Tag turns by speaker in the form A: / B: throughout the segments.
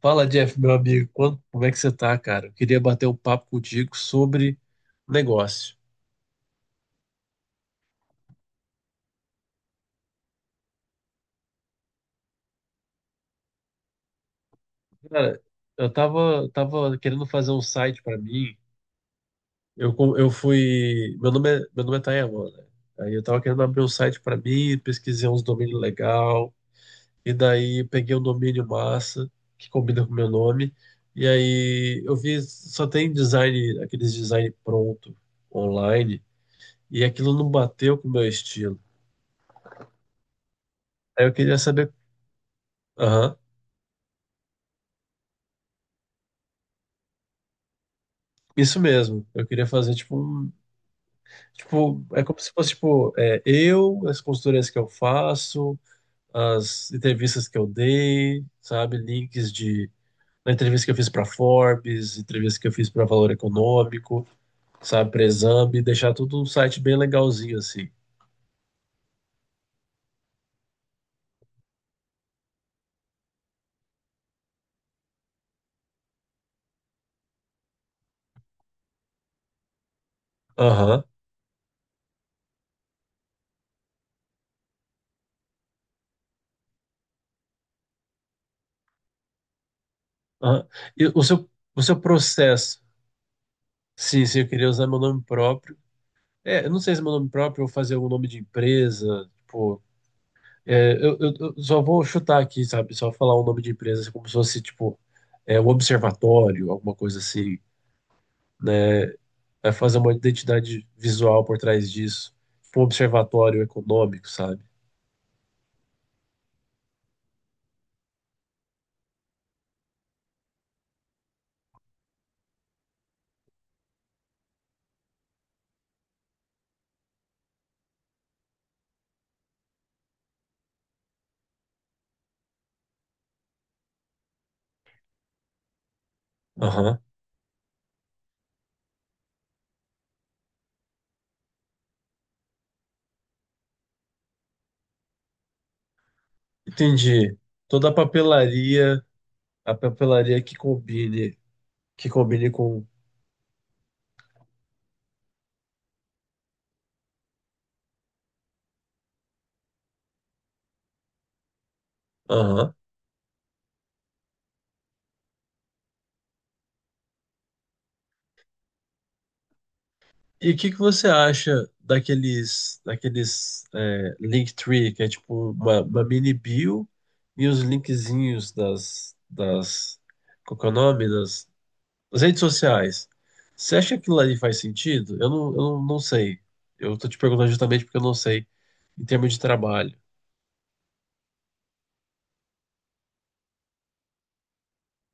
A: Fala, Jeff, meu amigo. Como é que você tá, cara? Eu queria bater um papo contigo sobre negócio. Cara, eu tava querendo fazer um site pra mim. Eu fui. Meu nome é Taiwan, né? Aí eu tava querendo abrir um site pra mim, pesquisei uns domínios legal. E daí peguei um domínio massa, que combina com o meu nome. E aí eu vi, só tem design, aqueles design pronto online. E aquilo não bateu com o meu estilo. Aí eu queria saber. Aham. Isso mesmo. Eu queria fazer tipo um, tipo, é como se fosse tipo, eu, as consultorias que eu faço, as entrevistas que eu dei, sabe, links de da entrevista que eu fiz para Forbes, entrevista que eu fiz para Valor Econômico, sabe, para Exame, deixar tudo um site bem legalzinho assim. Aham. Aham. E o seu processo? Sim, sim, eu queria usar meu nome próprio. É, eu não sei se é meu nome próprio ou fazer algum nome de empresa, tipo, é, eu só vou chutar aqui, sabe? Só falar o nome de empresa como se fosse, tipo, é, o observatório, alguma coisa assim, né? Vai fazer uma identidade visual por trás disso. Tipo, um observatório econômico, sabe? Aham. Entendi. Toda a papelaria que combine com. Aham. E o que que você acha daqueles é, Linktree, que é tipo uma mini bio e os linkzinhos das, das, qual que é o nome? Das, das redes sociais. Você acha que aquilo ali faz sentido? Eu não sei. Eu tô te perguntando justamente porque eu não sei em termos de trabalho.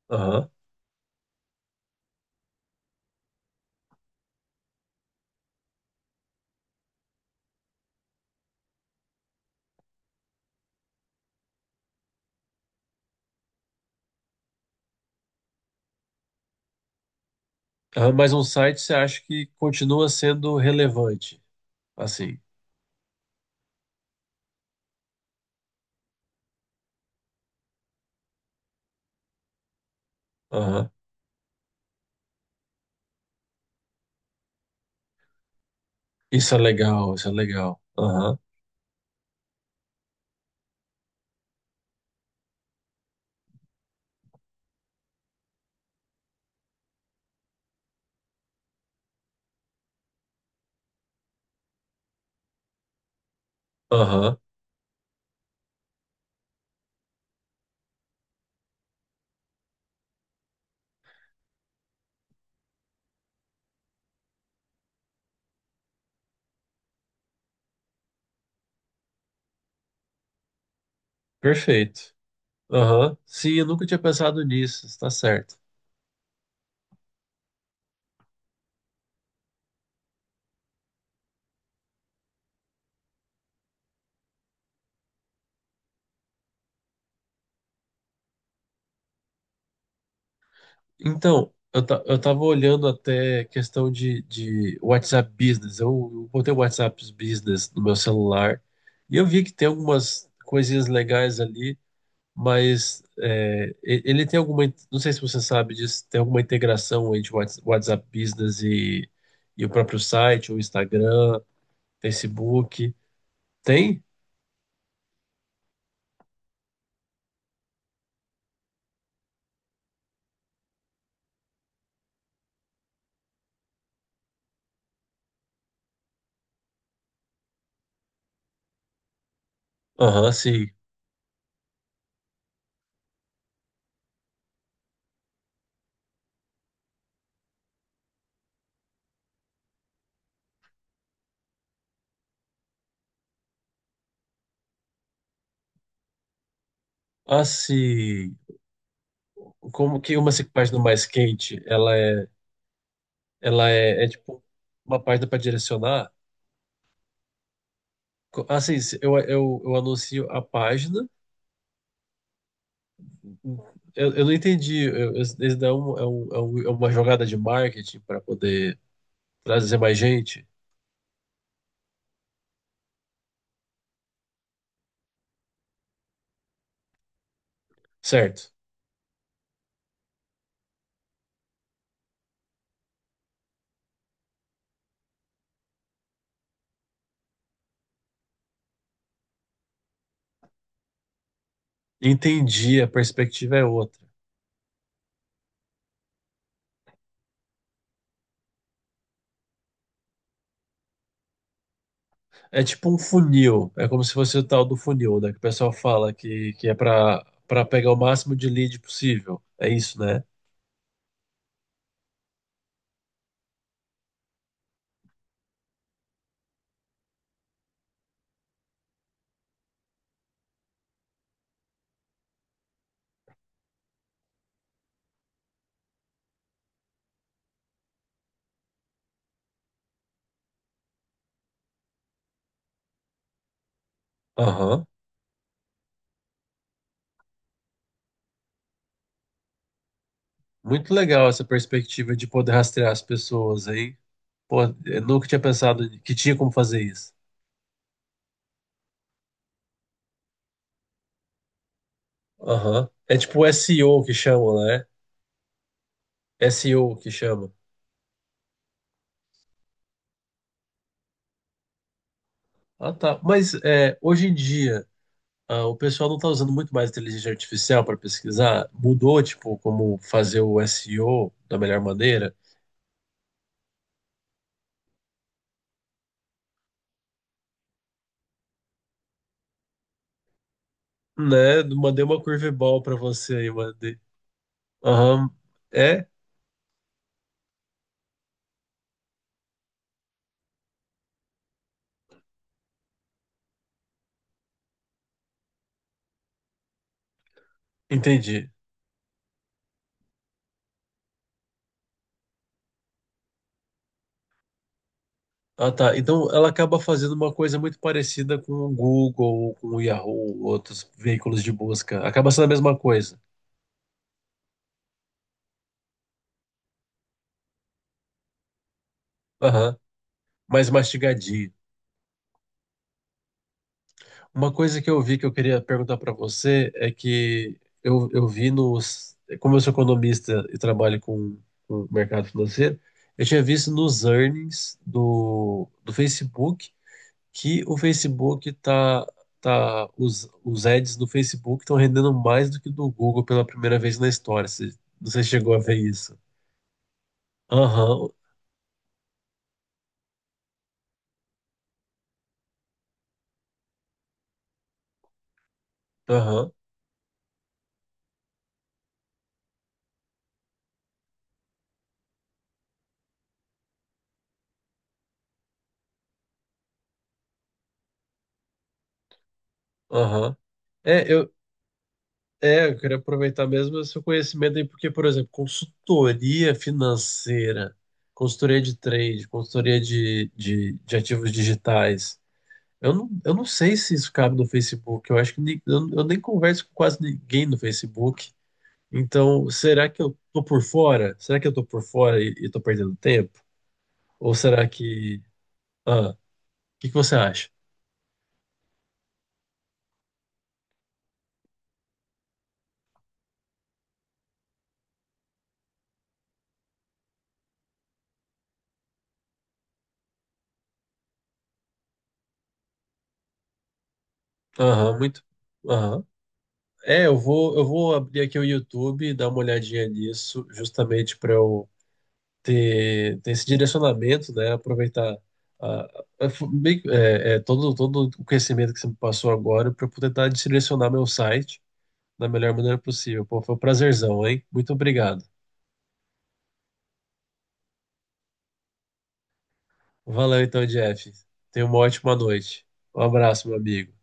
A: Aham. Aham, mas um site você acha que continua sendo relevante? Assim. Aham. Isso é legal, isso é legal. Aham. Aham. Perfeito. Aham. Sim, eu nunca tinha pensado nisso, está certo. Então, eu tava olhando até questão de WhatsApp Business. Eu botei o WhatsApp Business no meu celular e eu vi que tem algumas coisinhas legais ali, mas é, ele tem alguma, não sei se você sabe disso, tem alguma integração entre o WhatsApp Business e o próprio site, o Instagram, Facebook. Tem? Aham, sim. Ah, sim. Como que uma página mais quente, ela é, é tipo uma página para direcionar? Ah, sim, eu anuncio a página. Eu não entendi. Esse daí é, é uma jogada de marketing para poder para dizer mais gente, certo? Entendi, a perspectiva é outra. É tipo um funil, é como se fosse o tal do funil, né? Que o pessoal fala que é para pegar o máximo de lead possível. É isso, né? Aham. Muito legal essa perspectiva de poder rastrear as pessoas aí. Pô, eu nunca tinha pensado que tinha como fazer isso. Aham. É tipo SEO que chamam, né? SEO que chama. Ah, tá. Mas é, hoje em dia, ah, o pessoal não está usando muito mais inteligência artificial para pesquisar. Mudou, tipo, como fazer o SEO da melhor maneira, né? Mandei uma curveball para você aí, mandei. Aham, é? Entendi. Ah, tá. Então ela acaba fazendo uma coisa muito parecida com o Google, com o Yahoo, outros veículos de busca. Acaba sendo a mesma coisa. Aham, mais mastigadinho. Uma coisa que eu vi que eu queria perguntar para você é que eu vi nos. Como eu sou economista e trabalho com o mercado financeiro, eu tinha visto nos earnings do Facebook que o Facebook, os ads do Facebook estão rendendo mais do que do Google pela primeira vez na história. Você chegou a ver isso? Aham, aham, aham. É, eu É, eu queria aproveitar mesmo esse seu conhecimento aí, porque, por exemplo, consultoria financeira, consultoria de trade, consultoria de ativos digitais. Eu não sei se isso cabe no Facebook. Eu acho que eu nem converso com quase ninguém no Facebook. Então, será que eu tô por fora? Será que eu tô por fora e tô perdendo tempo? Ou será que. Ah, o que que você acha? Aham, muito. Aham. É, eu vou abrir aqui o YouTube, e dar uma olhadinha nisso, justamente para eu ter, ter esse direcionamento, né? Aproveitar a, a- fu- meio que- é, é, todo, todo o conhecimento que você me passou agora para poder tentar direcionar meu site da melhor maneira possível. Pô, foi um prazerzão, hein? Muito obrigado. Valeu então, Jeff. Tenha uma ótima noite. Um abraço, meu amigo.